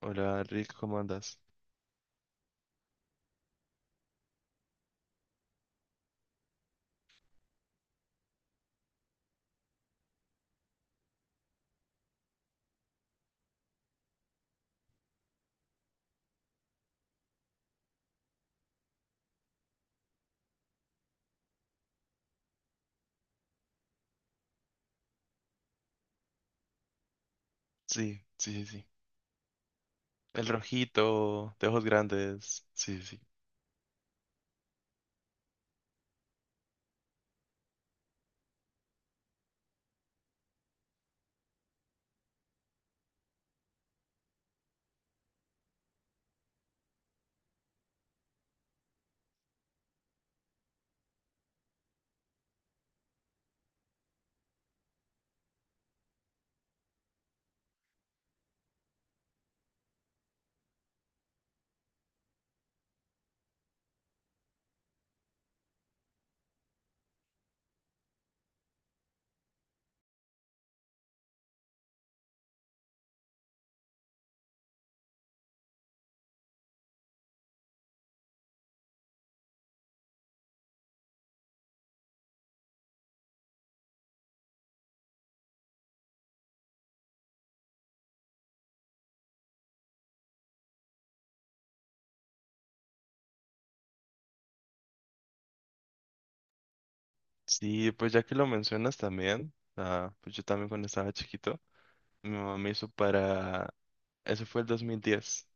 Hola, Rick, ¿cómo andas? Sí, sí, sí, sí. El rojito, de ojos grandes. Sí, sí. Sí, sí, pues ya que lo mencionas también, ah, pues yo también cuando estaba chiquito, mi mamá me hizo. Ese fue el 2010.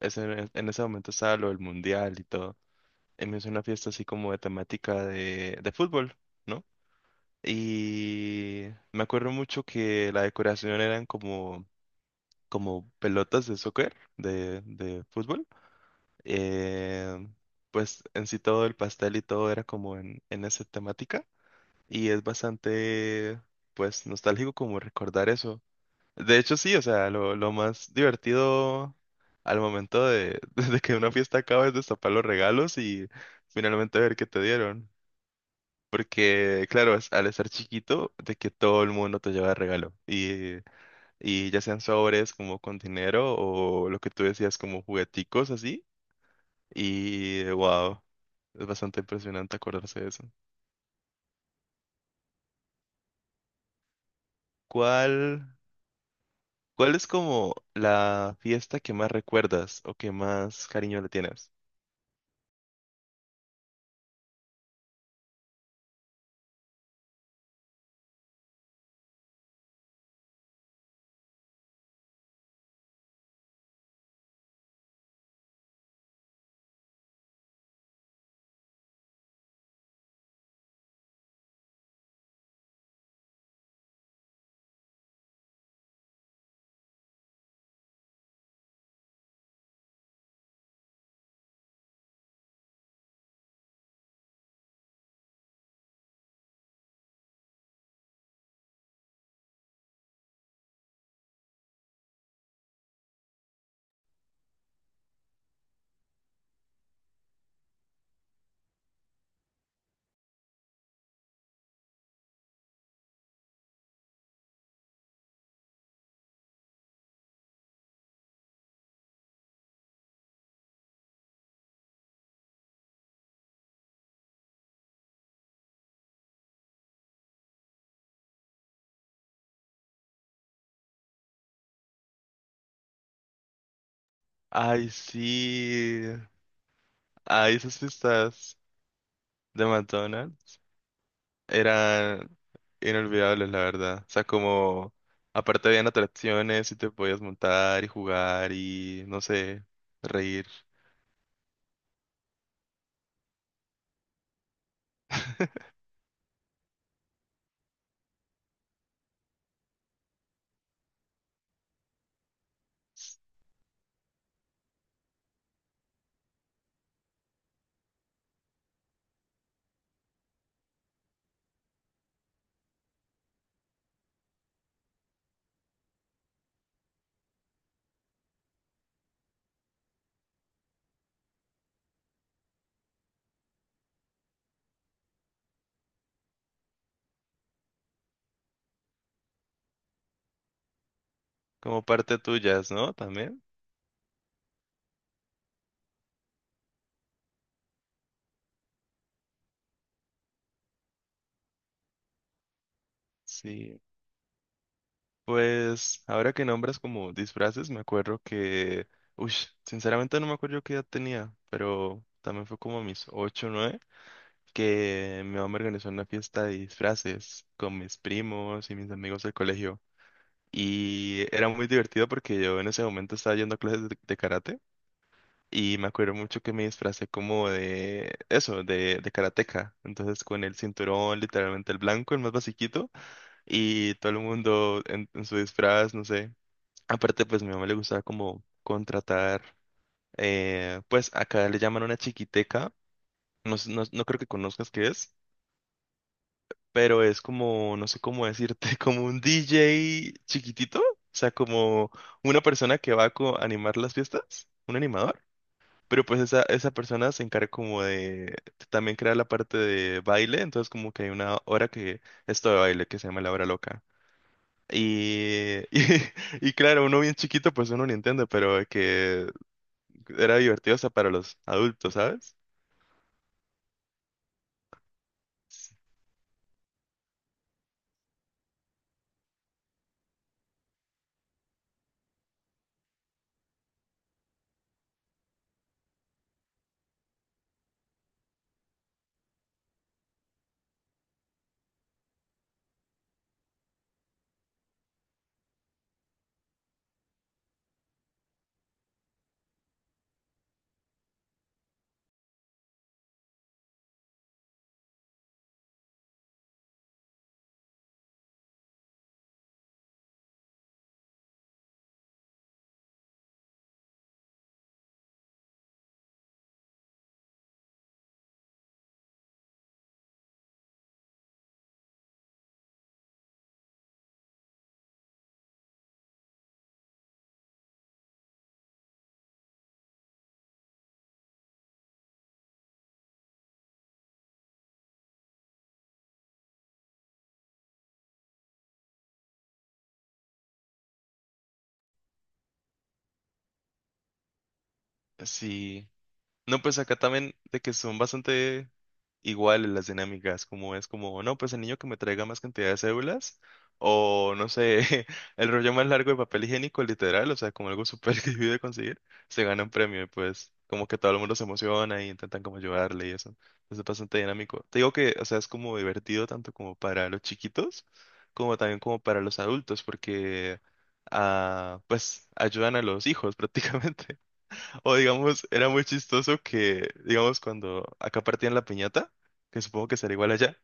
Ese, en ese momento estaba lo del mundial y todo. Y me hizo una fiesta así como de temática de fútbol, ¿no? Y me acuerdo mucho que la decoración eran como pelotas de soccer, de fútbol. Eh, pues en sí todo el pastel y todo era como en esa temática y es bastante, pues, nostálgico como recordar eso. De hecho, sí, o sea, lo más divertido al momento de que una fiesta acaba es destapar los regalos y finalmente ver qué te dieron. Porque, claro, al estar chiquito, de que todo el mundo te lleva regalo. Y ya sean sobres como con dinero o lo que tú decías como jugueticos así. Y wow, es bastante impresionante acordarse de eso. ¿Cuál, cuál es como la fiesta que más recuerdas o que más cariño le tienes? Ay, sí. Ay, esas fiestas de McDonald's eran inolvidables, la verdad. O sea, como aparte habían atracciones y te podías montar y jugar y no sé, reír. Como parte tuyas, ¿no? También. Sí. Pues ahora que nombras como disfraces, me acuerdo que, uy, sinceramente no me acuerdo qué edad tenía, pero también fue como a mis 8 o nueve que mi mamá me organizó una fiesta de disfraces con mis primos y mis amigos del colegio. Y era muy divertido porque yo en ese momento estaba yendo a clases de karate y me acuerdo mucho que me disfracé como de eso, de karateca. Entonces con el cinturón, literalmente el blanco, el más basiquito, y todo el mundo en su disfraz, no sé. Aparte, pues mi mamá le gustaba como contratar, pues acá le llaman una chiquiteca, no, no, no creo que conozcas qué es, pero es como, no sé cómo decirte, como un DJ chiquitito, o sea, como una persona que va a animar las fiestas, un animador, pero pues esa persona se encarga como de, también crear la parte de baile, entonces como que hay una hora que, esto de baile que se llama la hora loca. Y, y claro, uno bien chiquito, pues uno no entiende, pero que era divertido hasta para los adultos, ¿sabes? Sí. No, pues acá también de que son bastante iguales las dinámicas, como es como, no, pues el niño que me traiga más cantidad de cédulas, o no sé, el rollo más largo de papel higiénico, literal, o sea, como algo súper difícil de conseguir, se gana un premio y pues como que todo el mundo se emociona y intentan como ayudarle y eso. Entonces es bastante dinámico. Te digo que, o sea, es como divertido tanto como para los chiquitos, como también como para los adultos, porque, ah, pues ayudan a los hijos prácticamente. O digamos, era muy chistoso que, digamos, cuando acá partían la piñata, que supongo que será igual allá,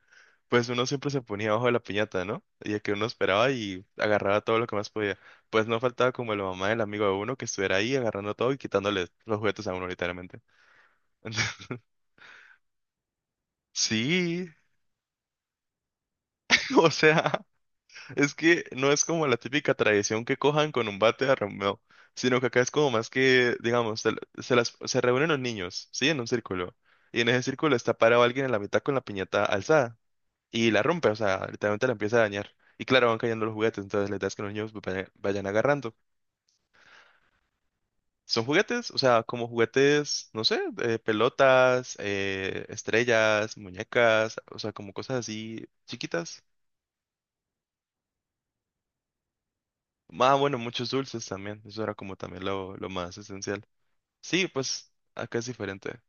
pues uno siempre se ponía abajo de la piñata, ¿no? Y que uno esperaba y agarraba todo lo que más podía. Pues no faltaba como la mamá del amigo de uno que estuviera ahí agarrando todo y quitándole los juguetes a uno literalmente. Entonces, sí, o sea. Es que no es como la típica tradición que cojan con un bate a Romeo, sino que acá es como más que, digamos, se reúnen los niños, ¿sí? En un círculo. Y en ese círculo está parado alguien en la mitad con la piñata alzada. Y la rompe, o sea, literalmente la empieza a dañar. Y claro, van cayendo los juguetes, entonces la idea es que los niños vayan agarrando. Son juguetes, o sea, como juguetes, no sé, pelotas, estrellas, muñecas, o sea, como cosas así chiquitas. Ah, bueno, muchos dulces también. Eso era como también lo más esencial. Sí, pues acá es diferente.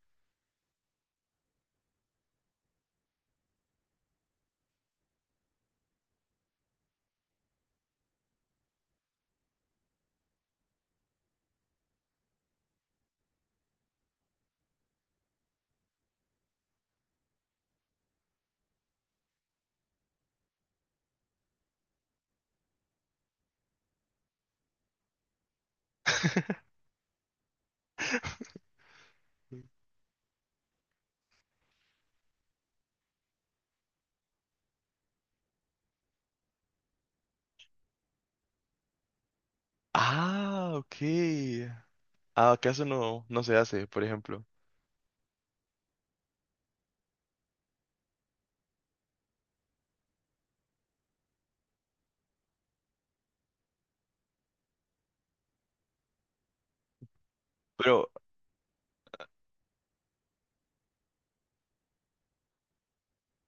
Ah, ok. Ah, acá eso no, no se hace, por ejemplo. Pero,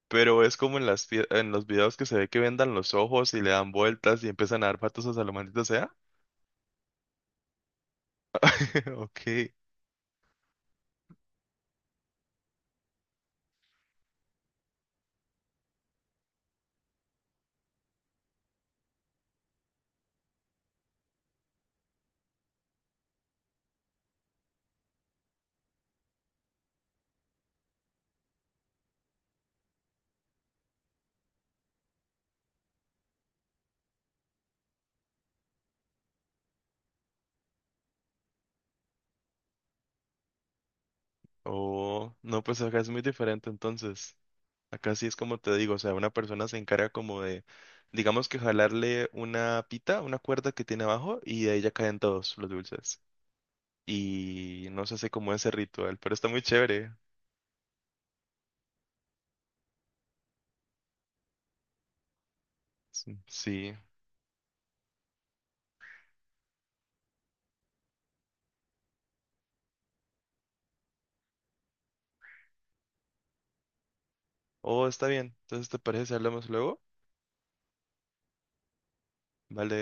pero es como en las en los videos que se ve que vendan los ojos y le dan vueltas y empiezan a dar patos a la maldita sea. Ok. Oh, no, pues acá es muy diferente entonces. Acá sí es como te digo, o sea, una persona se encarga como de, digamos que jalarle una pita, una cuerda que tiene abajo y de ahí ya caen todos los dulces. Y no se hace como ese ritual, pero está muy chévere. Sí. Sí. Oh, está bien. Entonces, ¿te parece si hablamos luego? Vale.